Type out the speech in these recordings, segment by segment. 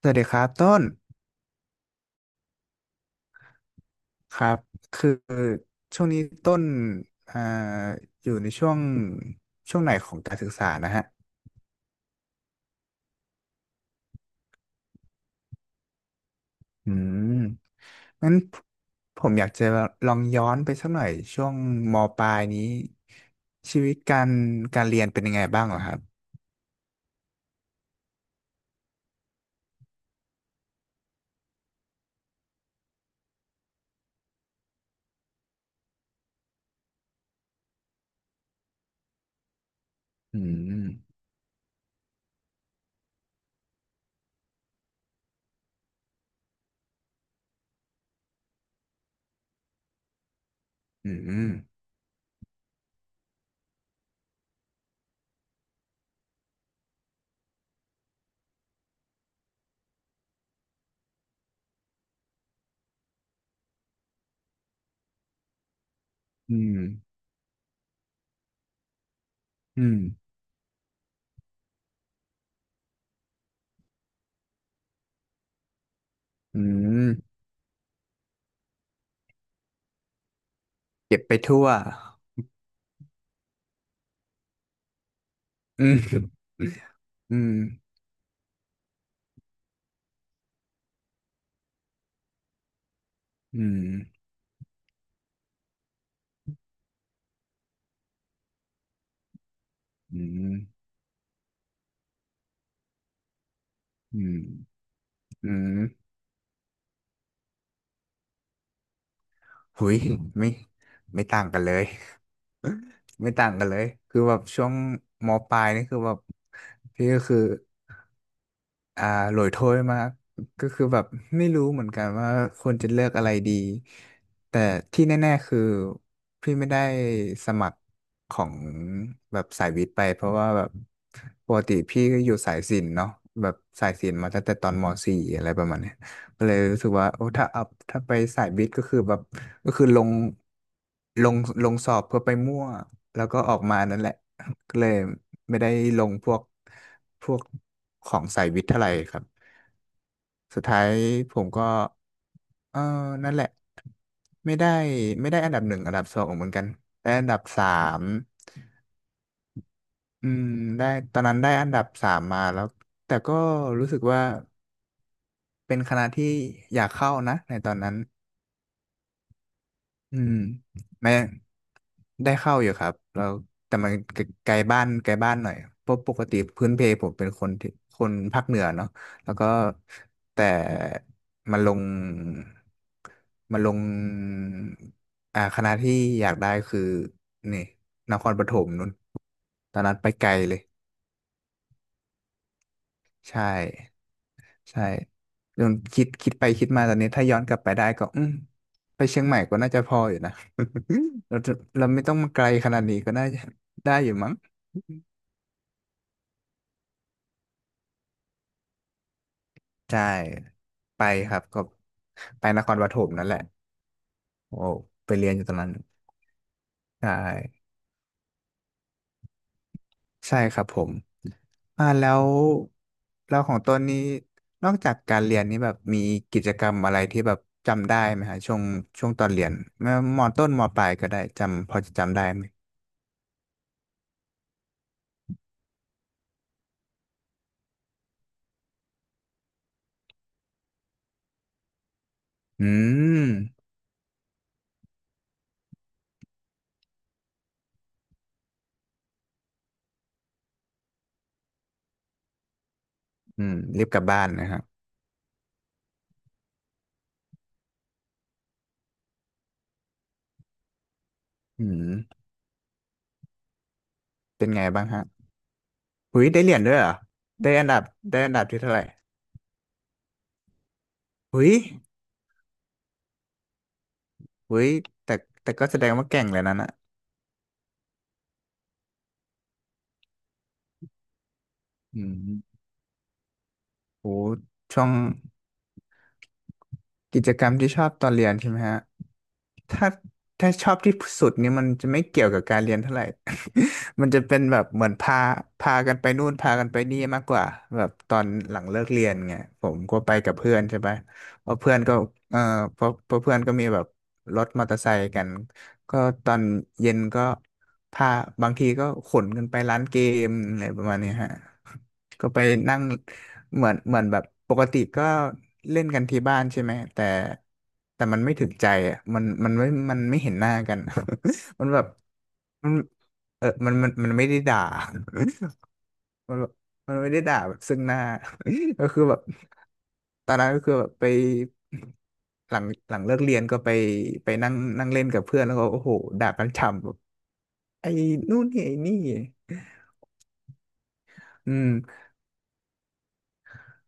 สวัสดีครับต้นครับคือช่วงนี้ต้นอ่าอยู่ในช่วงไหนของการศึกษานะฮะอืมงั้นผมอยากจะลองย้อนไปสักหน่อยช่วงมปลายนี้ชีวิตการเรียนเป็นยังไงบ้างเหรอครับอืมอืมอืมอืมอืมเก็บไปทั่วอืมอืมอืมอืมอืมอืม หุย ไม่ไม่ต่างกันเลย ไม่ต่างกันเลยคือแบบช่วงมปลายนี่คือแบบพี่ก็คือ อ่าโหลยโถ้วยมากก็คือแบบไม่รู้เหมือนกันว่าควรจะเลือกอะไรดีแต่ที่แน่ๆคือพี่ไม่ได้สมัครของแบบสายวิทย์ไปเพราะว่าแบบปกติพี่ก็อยู่สายศิลป์เนาะแบบสายศิลป์มาตั้งแต่ตอนม .4 อะไรประมาณเนี้ยก็เลยรู้สึกว่าโอ้ถ้าเอาถ้าไปสายวิทย์ก็คือแบบก็คือลงลงสอบเพื่อไปมั่วแล้วก็ออกมานั่นแหละ ก็เลยไม่ได้ลงพวกของสายวิทย์เท่าไหร่ครับสุดท้ายผมก็เออนั่นแหละไม่ได้ไม่ได้อันดับหนึ่งอันดับสองเหมือนกันได้อันดับสามอืมได้ตอนนั้นได้อันดับสามมาแล้วแต่ก็รู้สึกว่าเป็นคณะที่อยากเข้านะในตอนนั้น อืมไม่ได้เข้าอยู่ครับแล้วแต่มันไกลบ้านหน่อยเพราะปกติพื้นเพผมเป็นคนที่คนภาคเหนือเนาะแล้วก็แต่มาลงมาลงคณะที่อยากได้คือนี่นครปฐมนู่นตอนนั้นไปไกลเลยใช่ ใช่จนคิดไปคิดมาตอนนี้ถ้าย้อนกลับไปได้ก็อืมไปเชียงใหม่ก็น่าจะพออยู่นะ เราจะเราไม่ต้องมาไกลขนาดนี้ก็น่าจะได้อยู่มั้งใช่ไปครับก็ไปนครปฐมนั่นแหละโอ้ไปเรียนอยู่ตอนนั้นใช่ใช่ครับผมแล้วของตนนี้นอกจากการเรียนนี้แบบมีกิจกรรมอะไรที่แบบจำได้ไหมฮะช่วงตอนเรียนไมว่ามอต้นมอปลายก็ได้จำพอจะจำได้ไหม อืมอืมรีบกลับบ้านนะครับอืมเป็นไงบ้างฮะหุยได้เหรียญด้วยเหรอ ได้อันดับได้อันดับที่เท่าไหร่หุยหุยแต่แต่ก็แสดงว่าเก่งเลยนะน่ะอืมโหช่วงกิจกรรมที่ชอบตอนเรียนใช่ไหมฮะ ถ้าถ้าชอบที่สุดเนี่ยมันจะไม่เกี่ยวกับการเรียนเท่าไหร่ มันจะเป็นแบบเหมือนพากันไปนู่นพากันไปนี่มากกว่าแบบตอนหลังเลิกเรียนไงผมก็ไปกับเพื่อนใช่ไหมเพราะเพื่อนก็เออเพราะเพื่อนก็มีแบบรถมอเตอร์ไซค์กันก็ตอนเย็นก็พาบางทีก็ขนกันไปร้านเกมอะไรประมาณเนี้ยฮะก็ไปนั่ง เหมือนแบบปกติก็เล่นกันที่บ้านใช่ไหมแต่แต่มันไม่ถึงใจอ่ะมันมันไม่เห็นหน้ากัน มันแบบมันเออมันมันไม่ได้ด่า มันแบบมันไม่ได้ด่าแบบซึ่งหน้า ก็คือแบบตอนนั้นก็คือแบบไปหลังเลิกเรียนก็ไปไปนั่งนั่งเล่นกับเพื่อนแล้วก็โอ้โหด่ากันฉ่ำแบบไอ้นู่นนี่ไอ้นี่อืม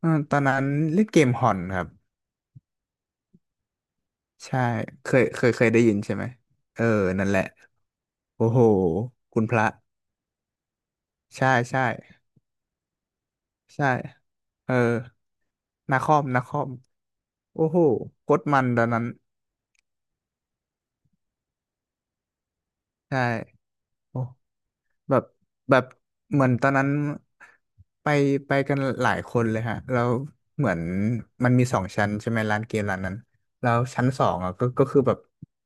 เออตอนนั้นเล่นเกมฮอนครับ ใช่เคยได้ยินใช่ไหมเออนั่นแหละโอ้โหคุณพระใช่ใช่เออนาคอมนาคอมโอ้โหโคตรมันตอนนั้นใช่โอ้แบบแบบเหมือนตอนนั้นไปไปกันหลายคนเลยฮะแล้วเหมือนมันมีสองชั้นใช่ไหมร้านเกมร้านนั้นแล้วชั้นสองอ่ะก็คือแบบ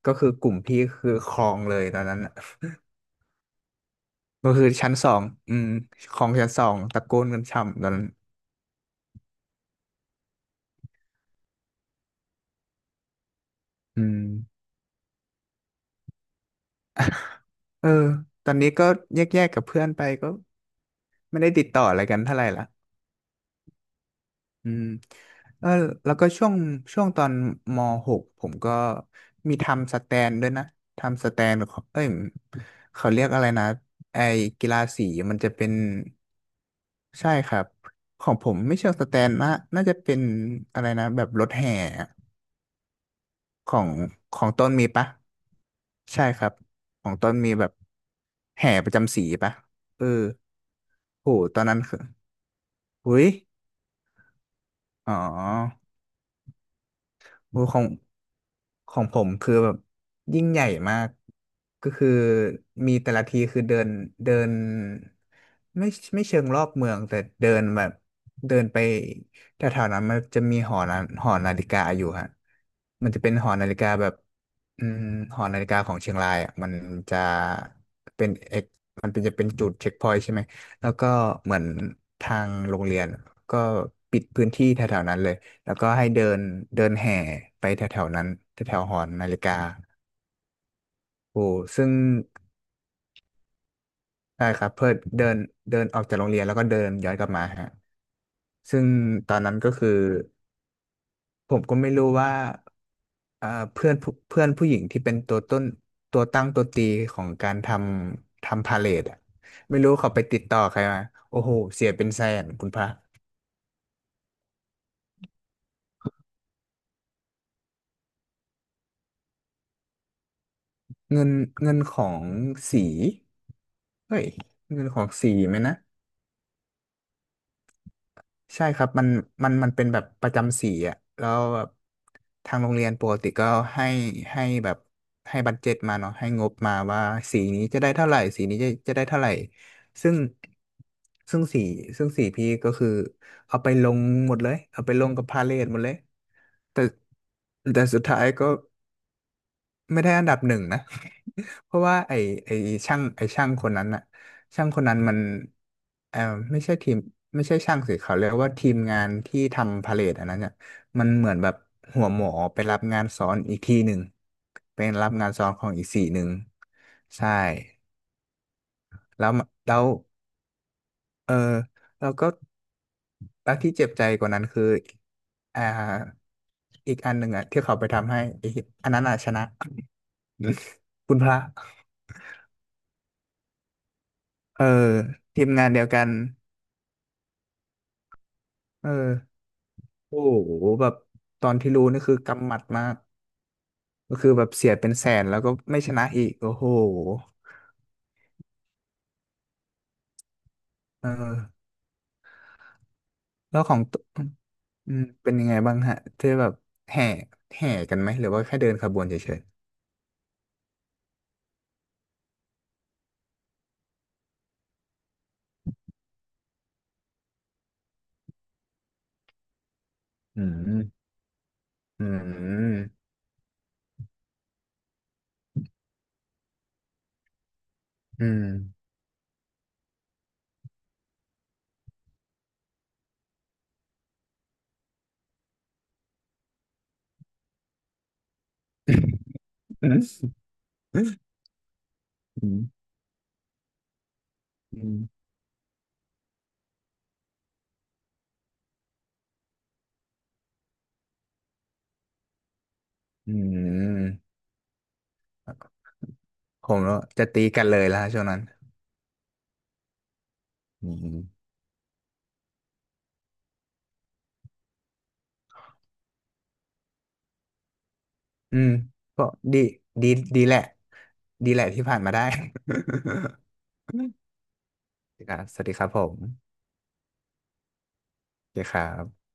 ก็คือกลุ่มพี่คือครองเลยตอนนั้นอะ ก็คือชั้นสองอืมของชั้นสองตะโกนกันช่ำตอนนั้นอืมเออตอนนี้ก็แยกๆกับเพื่อนไปก็ไม่ได้ติดต่ออะไรกันเท่าไหร่ละอืมเออแล้วก็ช่วงตอนมหกผมก็มีทำสแตนด้วยนะทำสแตนของเอ้ยเขาเรียกอะไรนะไอ้กีฬาสีมันจะเป็นใช่ครับของผมไม่เชิงสแตนนะน่าจะเป็นอะไรนะแบบรถแห่ ของของต้นมีปะใช่ครับของต้นมีแบบแห่ประจำสีปะเออโหตอนนั้นคืออุ้ยอ๋อ มูของของผมคือแบบยิ่งใหญ่มากก็คือมีแต่ละทีคือเดินเดินไม่ไม่เชิงรอบเมืองแต่เดินแบบเดินไปแถวๆนั้นมันจะมีหอนาหอนาฬิกาอยู่ฮะมันจะเป็นหอนาฬิกาแบบอืมหอนาฬิกาของเชียงรายอ่ะมันจะเป็นเอกมันเป็นจะเป็นจุดเช็คพอยต์ใช่ไหมแล้วก็เหมือนทางโรงเรียนก็ปิดพื้นที่แถวๆนั้นเลย แล้วก็ให้เดินเดินแห่ไปแถวแถวนั้นแถวแถวหอนาฬิกาโอ้ซึ่งใช่ครับเพื่อเดินเดินออกจากโรงเรียนแล้วก็เดินย้อนกลับมาฮะซึ่งตอนนั้นก็คือผมก็ไม่รู้ว่าเอ่อเพื่อนผู้เพื่อนผู้หญิงที่เป็นตัวต้นตัวตั้งตัวตีของการทำพาเลทอะไม่รู้เขาไปติดต่อใครมาโอ้โหเสียเป็นแสนคุณพระเงินของสีเฮ้ยเงินของสีไหมนะ ใช่ครับมันมันเป็นแบบประจำสีอ่ะแล้วแบบทางโรงเรียนปกติก็ให้ให้แบบให้บัดเจ็ตมาเนาะให้งบมาว่าสีนี้จะได้เท่าไหร่สีนี้จะได้เท่าไหร่ซึ่งซึ่งสีสีพี่ก็คือเอาไปลงหมดเลยเอาไปลงกับพาเลทหมดเลยแต่สุดท้ายก็ ไม่ได้อันดับหนึ่งนะ เพราะว่าไอไอช่างคนนั้นอะช่างคนนั้นมันเออไม่ใช่ทีมไม่ใช่ช่างสิเขาเรียกว่าทีมงานที่ทำพาเลทอันนั้นเนี่ยมันเหมือนแบบหัวหมอไปรับงานซ้อนอีกทีหนึ่งเป็นรับงานซ้อนของอีกสีหนึ่งใช่แล้วมแล้วเออแล้วก็แล้วที่เจ็บใจกว่านั้นคืออ่าอีกอันหนึ่งอะที่เขาไปทำให้อีกอันนั้นอะชนะ คุณพระ เออทีมงานเดียวกันเออโอ้โหแบบตอนที่รู้นี่คือกำหมัดมากก็คือแบบเสียเป็นแสนแล้วก็ไม่ชนะอีกโอ้โหเออแล้วของตอืมเป็นยังไงบ้างฮะที่แบบแห่กันไหมหรือว่าแค่เดินขบวนเฉยๆอืมอืมอืมอืมอืมอืมผมแล้วจะตีกันเลยแล้วฮะช่วงนั้นอืม อืมก็ดีดีดีแหละที่ผ่านมาได้ สวัสดีครับสวัสดีครับผมโอเคครับ